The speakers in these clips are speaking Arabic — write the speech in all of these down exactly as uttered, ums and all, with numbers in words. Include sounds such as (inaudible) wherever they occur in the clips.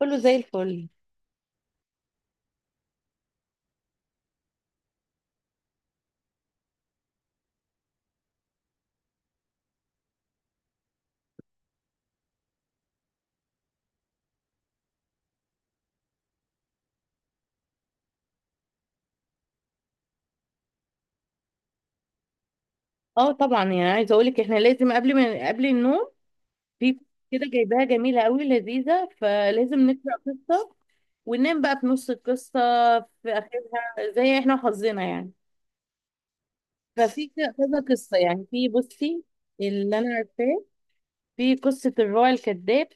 كله زي الفل. اه طبعا، يعني عايزه اقول لك، احنا لازم قبل ما قبل النوم في كده جايباها جميله قوي لذيذه، فلازم نقرا قصه وننام بقى في نص القصه، في اخرها زي احنا حظنا يعني. ففي ك- كذا قصه يعني. في بصي، اللي انا عارفاه، في قصه الراعي الكذاب،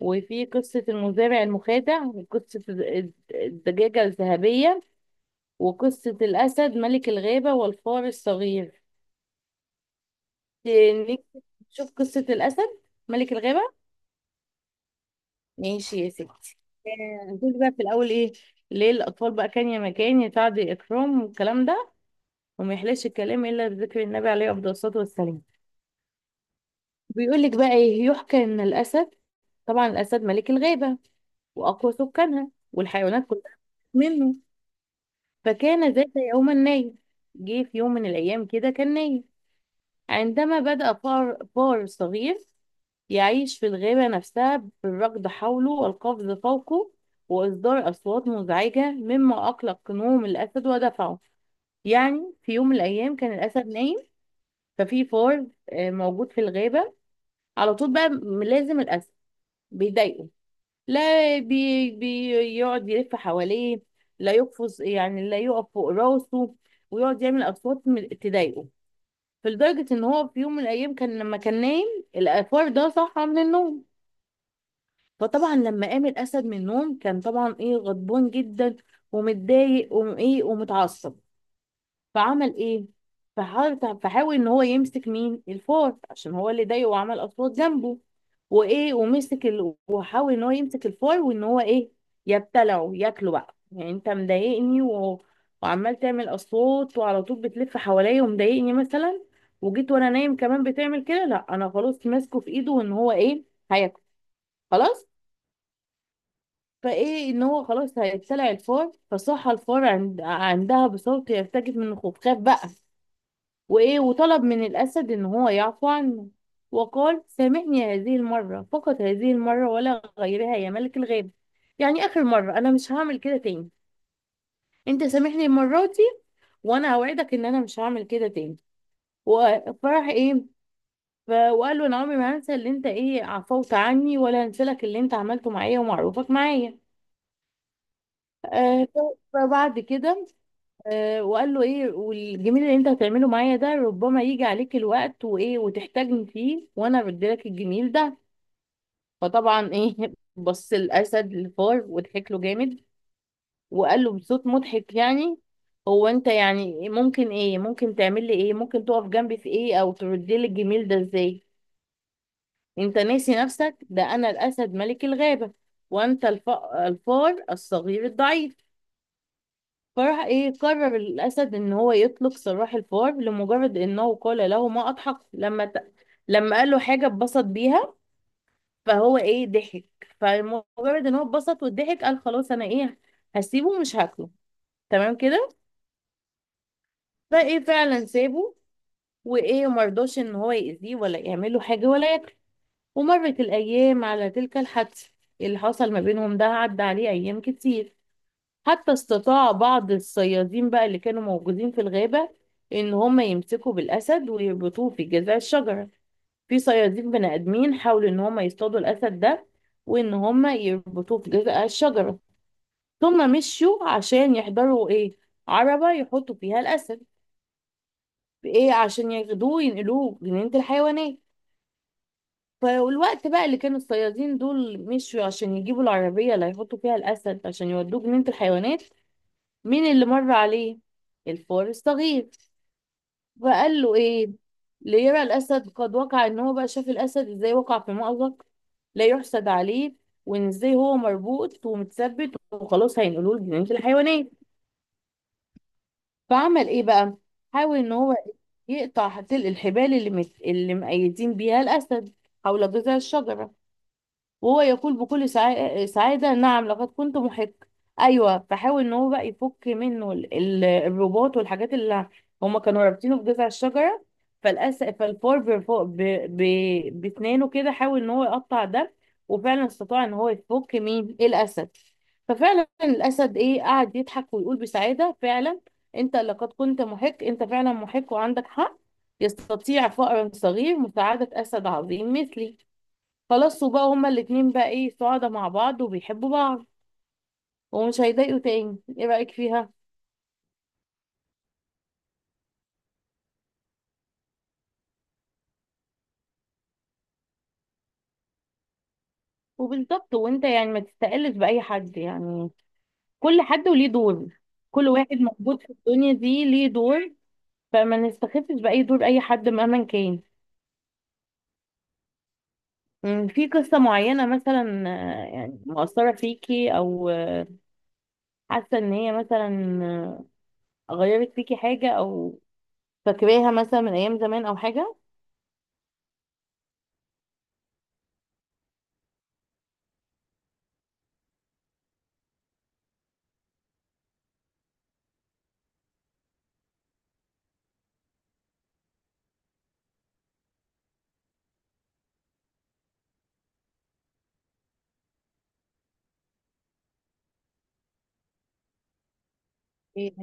وفي قصه المزارع المخادع، وقصه الد- الدجاجه الذهبيه، وقصه الاسد ملك الغابه والفار الصغير. انك تشوف قصة الأسد ملك الغابة. ماشي يا ستي. آه، هتقولي بقى في الأول إيه؟ ليه الأطفال بقى كان يا مكان يتعد إكرام والكلام ده، وما يحلاش الكلام إلا بذكر النبي عليه أفضل الصلاة والسلام. بيقول لك بقى إيه، يحكى إن الأسد، طبعا الأسد ملك الغابة وأقوى سكانها والحيوانات كلها منه. فكان ذات يوما نايم، جه في يوم من الأيام كده كان نايم، عندما بدأ فار, فار صغير يعيش في الغابة نفسها بالركض حوله والقفز فوقه وإصدار أصوات مزعجة مما أقلق نوم الأسد ودفعه. يعني في يوم من الأيام كان الأسد نايم، ففي فار آه، موجود في الغابة. على طول بقى م- لازم الأسد بيضايقه، لا، بي بيقعد يلف حواليه، لا يقفز، يعني لا يقف فوق راسه، ويقعد يعمل أصوات م- تضايقه. فلدرجة ان هو في يوم من الايام كان لما كان نايم، الافور ده صحى من النوم. فطبعا لما قام الاسد من النوم كان طبعا ايه، غضبان جدا ومتضايق وايه ومتعصب. فعمل ايه؟ فحاول فحاول ان هو يمسك مين الفار، عشان هو اللي ضايقه وعمل اصوات جنبه وايه، ومسك ال... وحاول ان هو يمسك الفار وان هو ايه يبتلعه، ياكله بقى، يعني انت مضايقني و... وعمال تعمل اصوات وعلى طول بتلف حواليا ومضايقني مثلا، وجيت وانا نايم كمان بتعمل كده، لا انا خلاص ماسكه في ايده وان هو ايه هياكله خلاص. فايه ان هو خلاص هيبتلع الفار، فصح الفار عند... عندها بصوت يرتجف من الخوف، خاف بقى وإيه وطلب من الأسد إن هو يعفو عنه. وقال سامحني هذه المرة فقط، هذه المرة ولا غيرها يا ملك الغاب. يعني آخر مرة، أنا مش هعمل كده تاني، أنت سامحني المرة دي وأنا أوعدك إن أنا مش هعمل كده تاني. وفرح إيه، ف- وقال له أنا عمري ما هنسى اللي أنت إيه عفوت عني، ولا هنسى لك اللي أنت عملته معايا ومعروفك معايا. آه، ف- فبعد كده آه، وقال له ايه، والجميل اللي انت هتعمله معايا ده ربما يجي عليك الوقت وايه وتحتاجني فيه، وانا بديلك الجميل ده. فطبعا ايه (laughs) بص الاسد للفار وضحك له جامد، وقال له بصوت مضحك يعني، هو انت يعني ممكن ايه، ممكن تعمل لي ايه، ممكن تقف جنبي في ايه او تردي لي الجميل ده ازاي؟ انت ناسي نفسك، ده انا الاسد ملك الغابة، وانت الف... الفار الصغير الضعيف. فراح ايه، قرر الاسد ان هو يطلق سراح الفار لمجرد انه قال له، ما اضحك لما ت... لما قال له حاجه اتبسط بيها فهو ايه ضحك. فمجرد ان هو اتبسط وضحك قال خلاص انا ايه، هسيبه مش هاكله، تمام كده. فايه فعلا سابه وايه، مرضاش ان هو يأذيه ولا يعمل له حاجه ولا ياكله. ومرت الايام على تلك الحادثه، اللي حصل ما بينهم ده عدى عليه ايام كتير، حتى استطاع بعض الصيادين بقى اللي كانوا موجودين في الغابة إن هم يمسكوا بالأسد ويربطوه في جذع الشجرة. في صيادين بني آدمين حاولوا إن هم يصطادوا الأسد ده، وإن هم يربطوه في جذع الشجرة، ثم مشوا عشان يحضروا إيه، عربة يحطوا فيها الأسد، إيه عشان ياخدوه ينقلوه جنينة الحيوانات. فالوقت بقى اللي كانوا الصيادين دول مشوا عشان يجيبوا العربية اللي هيحطوا فيها الأسد عشان يودوه جنينة الحيوانات، مين اللي مر عليه؟ الفار الصغير. وقال له ايه، ليرى الاسد قد وقع، ان هو بقى شاف الاسد ازاي وقع في مأزق لا يحسد عليه، وان ازاي هو مربوط ومتثبت وخلاص هينقلوه لجنينة الحيوانات. فعمل ايه بقى، حاول ان هو يقطع تلق الحبال اللي مت... اللي مقيدين بيها الاسد حول جذع الشجرة. وهو يقول بكل سعا- سعادة، نعم لقد كنت محق. أيوة، فحاول إن هو بقى يفك منه ال- ال- الرباط والحاجات اللي هما كانوا رابطينه بجذع الشجرة. فالأس فالفار برفو- ب- ب- بأسنانه كده حاول إن هو يقطع ده، وفعلا استطاع إن هو يفك مين الأسد. ففعلا الأسد إيه، قعد يضحك ويقول بسعادة، فعلا أنت لقد كنت محق، أنت فعلا محق وعندك حق، يستطيع فأر صغير مساعدة أسد عظيم مثلي. خلاص، وبقى هما الاتنين بقى ايه، سعداء مع بعض وبيحبوا بعض ومش هيضايقوا تاني. ايه رأيك فيها؟ وبالظبط، وانت يعني ما تستقلش بأي حد، يعني كل حد وليه دور، كل واحد موجود في الدنيا دي ليه دور، فما نستخفش بأي دور أي حد مهما كان. مم، في قصة معينة مثلا آه، يعني مؤثرة فيكي، أو آه، حاسة إن هي مثلا آه، غيرت فيكي حاجة، أو فاكراها مثلا من أيام زمان أو حاجة؟ إيه.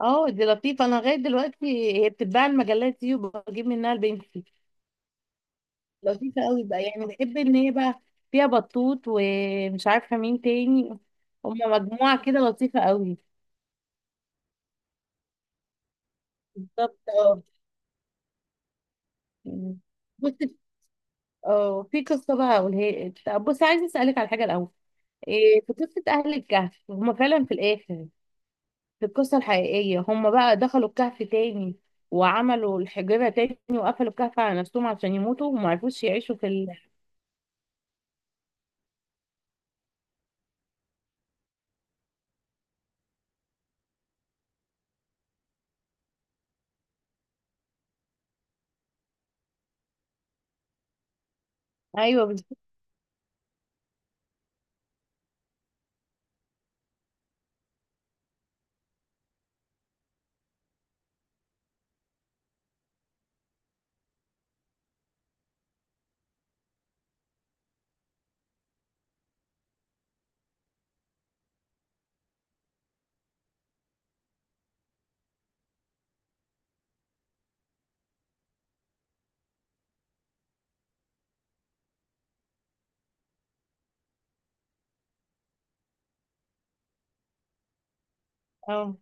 اه دي لطيفة، انا لغاية دلوقتي هي بتتباع المجلات دي وبجيب منها البنفسي. لطيفة قوي بقى، يعني بحب ان هي بقى فيها بطوط ومش عارفة مين تاني، هما مجموعة كده لطيفة قوي. بالظبط اه. بص، اه في قصة بقى هقولها لك. طب بص، عايزة اسألك على حاجة الأول. إيه في قصة أهل الكهف، هما فعلا في الآخر في القصة الحقيقية هما بقى دخلوا الكهف تاني وعملوا الحجرة تاني وقفلوا الكهف على نفسهم عشان يموتوا، وما عرفوش يعيشوا في ال...؟ ايوه. اه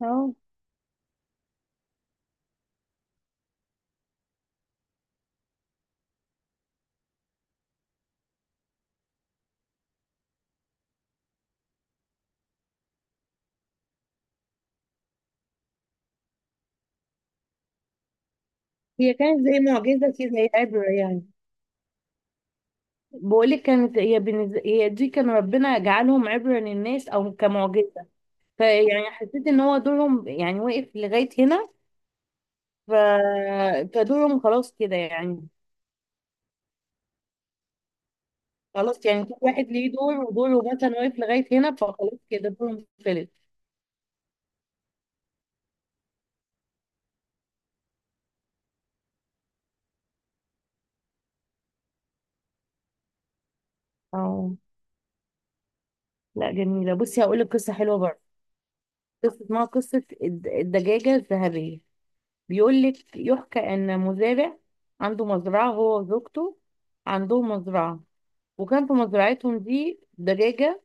اه. هي كانت زي معجزة كده، زي عبرة يعني، بقولك كانت هي بالنسبة، هي دي كان ربنا جعلهم عبرة للناس أو كمعجزة. فيعني حسيت إن هو دورهم يعني واقف لغاية هنا. ف... فدورهم خلاص كده يعني. خلاص يعني كل واحد ليه دور، ودوره مثلا واقف لغاية هنا، فخلاص كده دورهم خلص. اه. لا جميلة. بصي هقولك قصة حلوة برضه. قصة اسمها قصة الد- الدجاجة الذهبية. بيقول لك يحكى ان مزارع عنده مزرعه هو وزوجته، عندهم مزرعه، وكان في مزرعتهم دي دجاجه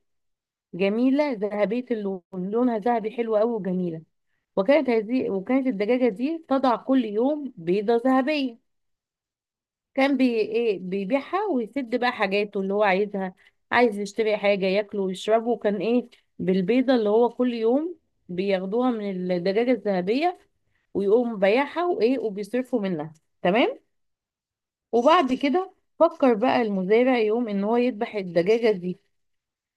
جميله ذهبيه اللون، لونها ذهبي حلو قوي وجميله. وكانت هذه، وكانت الدجاجه دي تضع كل يوم بيضه ذهبيه، كان بي ايه بيبيعها ويسد بقى حاجاته اللي هو عايزها، عايز يشتري حاجة ياكله ويشربه، وكان ايه، بالبيضة اللي هو كل يوم بياخدوها من الدجاجة الذهبية، ويقوم بايعها وايه وبيصرفوا منها. تمام. وبعد كده فكر بقى المزارع يقوم ان هو يذبح الدجاجة دي،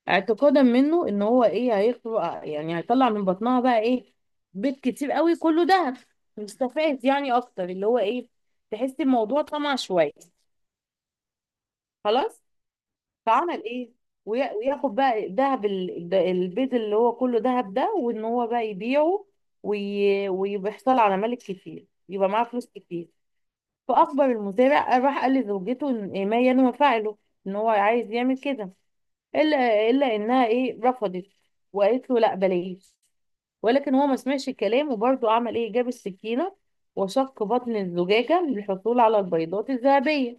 اعتقادا منه ان هو ايه هيخلق، يعني هيطلع من بطنها بقى ايه، بيض كتير قوي كله دهب، مستفاد يعني اكتر، اللي هو ايه، تحس الموضوع طمع شوية، خلاص. فعمل ايه؟ ويا- وياخد بقى ذهب ال- البيض اللي هو كله ذهب ده وان هو بقى يبيعه، وي- ويحصل على ملك كتير يبقى معاه فلوس كتير. فاخبر المزارع، راح قال لزوجته إن إيه، ما ينوى فعله، ان هو عايز يعمل كده، الا الا انها ايه رفضت وقالت له لا بلاش. ولكن هو ما سمعش الكلام وبرضه عمل ايه، جاب السكينه وشق بطن الزجاجه للحصول على البيضات الذهبيه،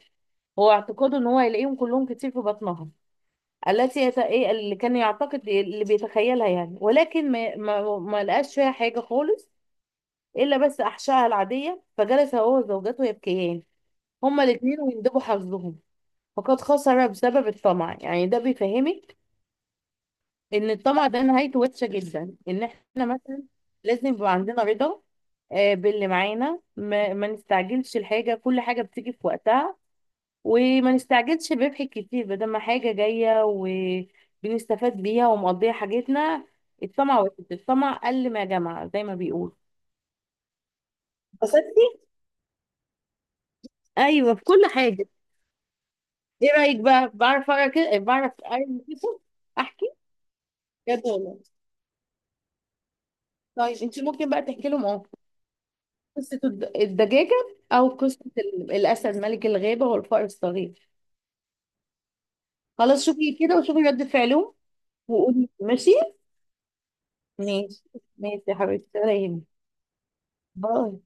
هو اعتقاده ان هو هيلاقيهم كلهم كتير في بطنها، التي يت... إيه اللي كان يعتقد اللي بيتخيلها يعني. ولكن ما, ما... ما لقاش فيها حاجة خالص، إلا بس أحشائها العادية. فجلس هو وزوجته يبكيان، هما الاتنين، ويندبوا حظهم، فقد خسر بسبب الطمع. يعني ده بيفهمك إن الطمع ده نهايته وحشة جدا، إن إحنا مثلا لازم يبقى عندنا رضا آه، باللي معانا، ما, ما نستعجلش الحاجة، كل حاجة بتيجي في وقتها، وما نستعجلش بربح كتير بدل ما حاجة جاية وبنستفاد بيها ومقضية حاجتنا. الطمع واحد، الطمع قل ما جمع زي ما بيقول. بسطتي. ايوه في كل حاجة. ايه رأيك بقى، بعرف اقرا كده؟ إيه، بعرف اقرا كده. احكي بجد والله. طيب انت ممكن بقى تحكي لهم اه قصة الد- الدجاجة، او قصة ال- الاسد ملك الغابة والفار الصغير. خلاص شوفي كده وشوفي رد فعلهم، وقولي ماشي. ماشي. ماشي يا حبيبتي ولا يهمك. باي.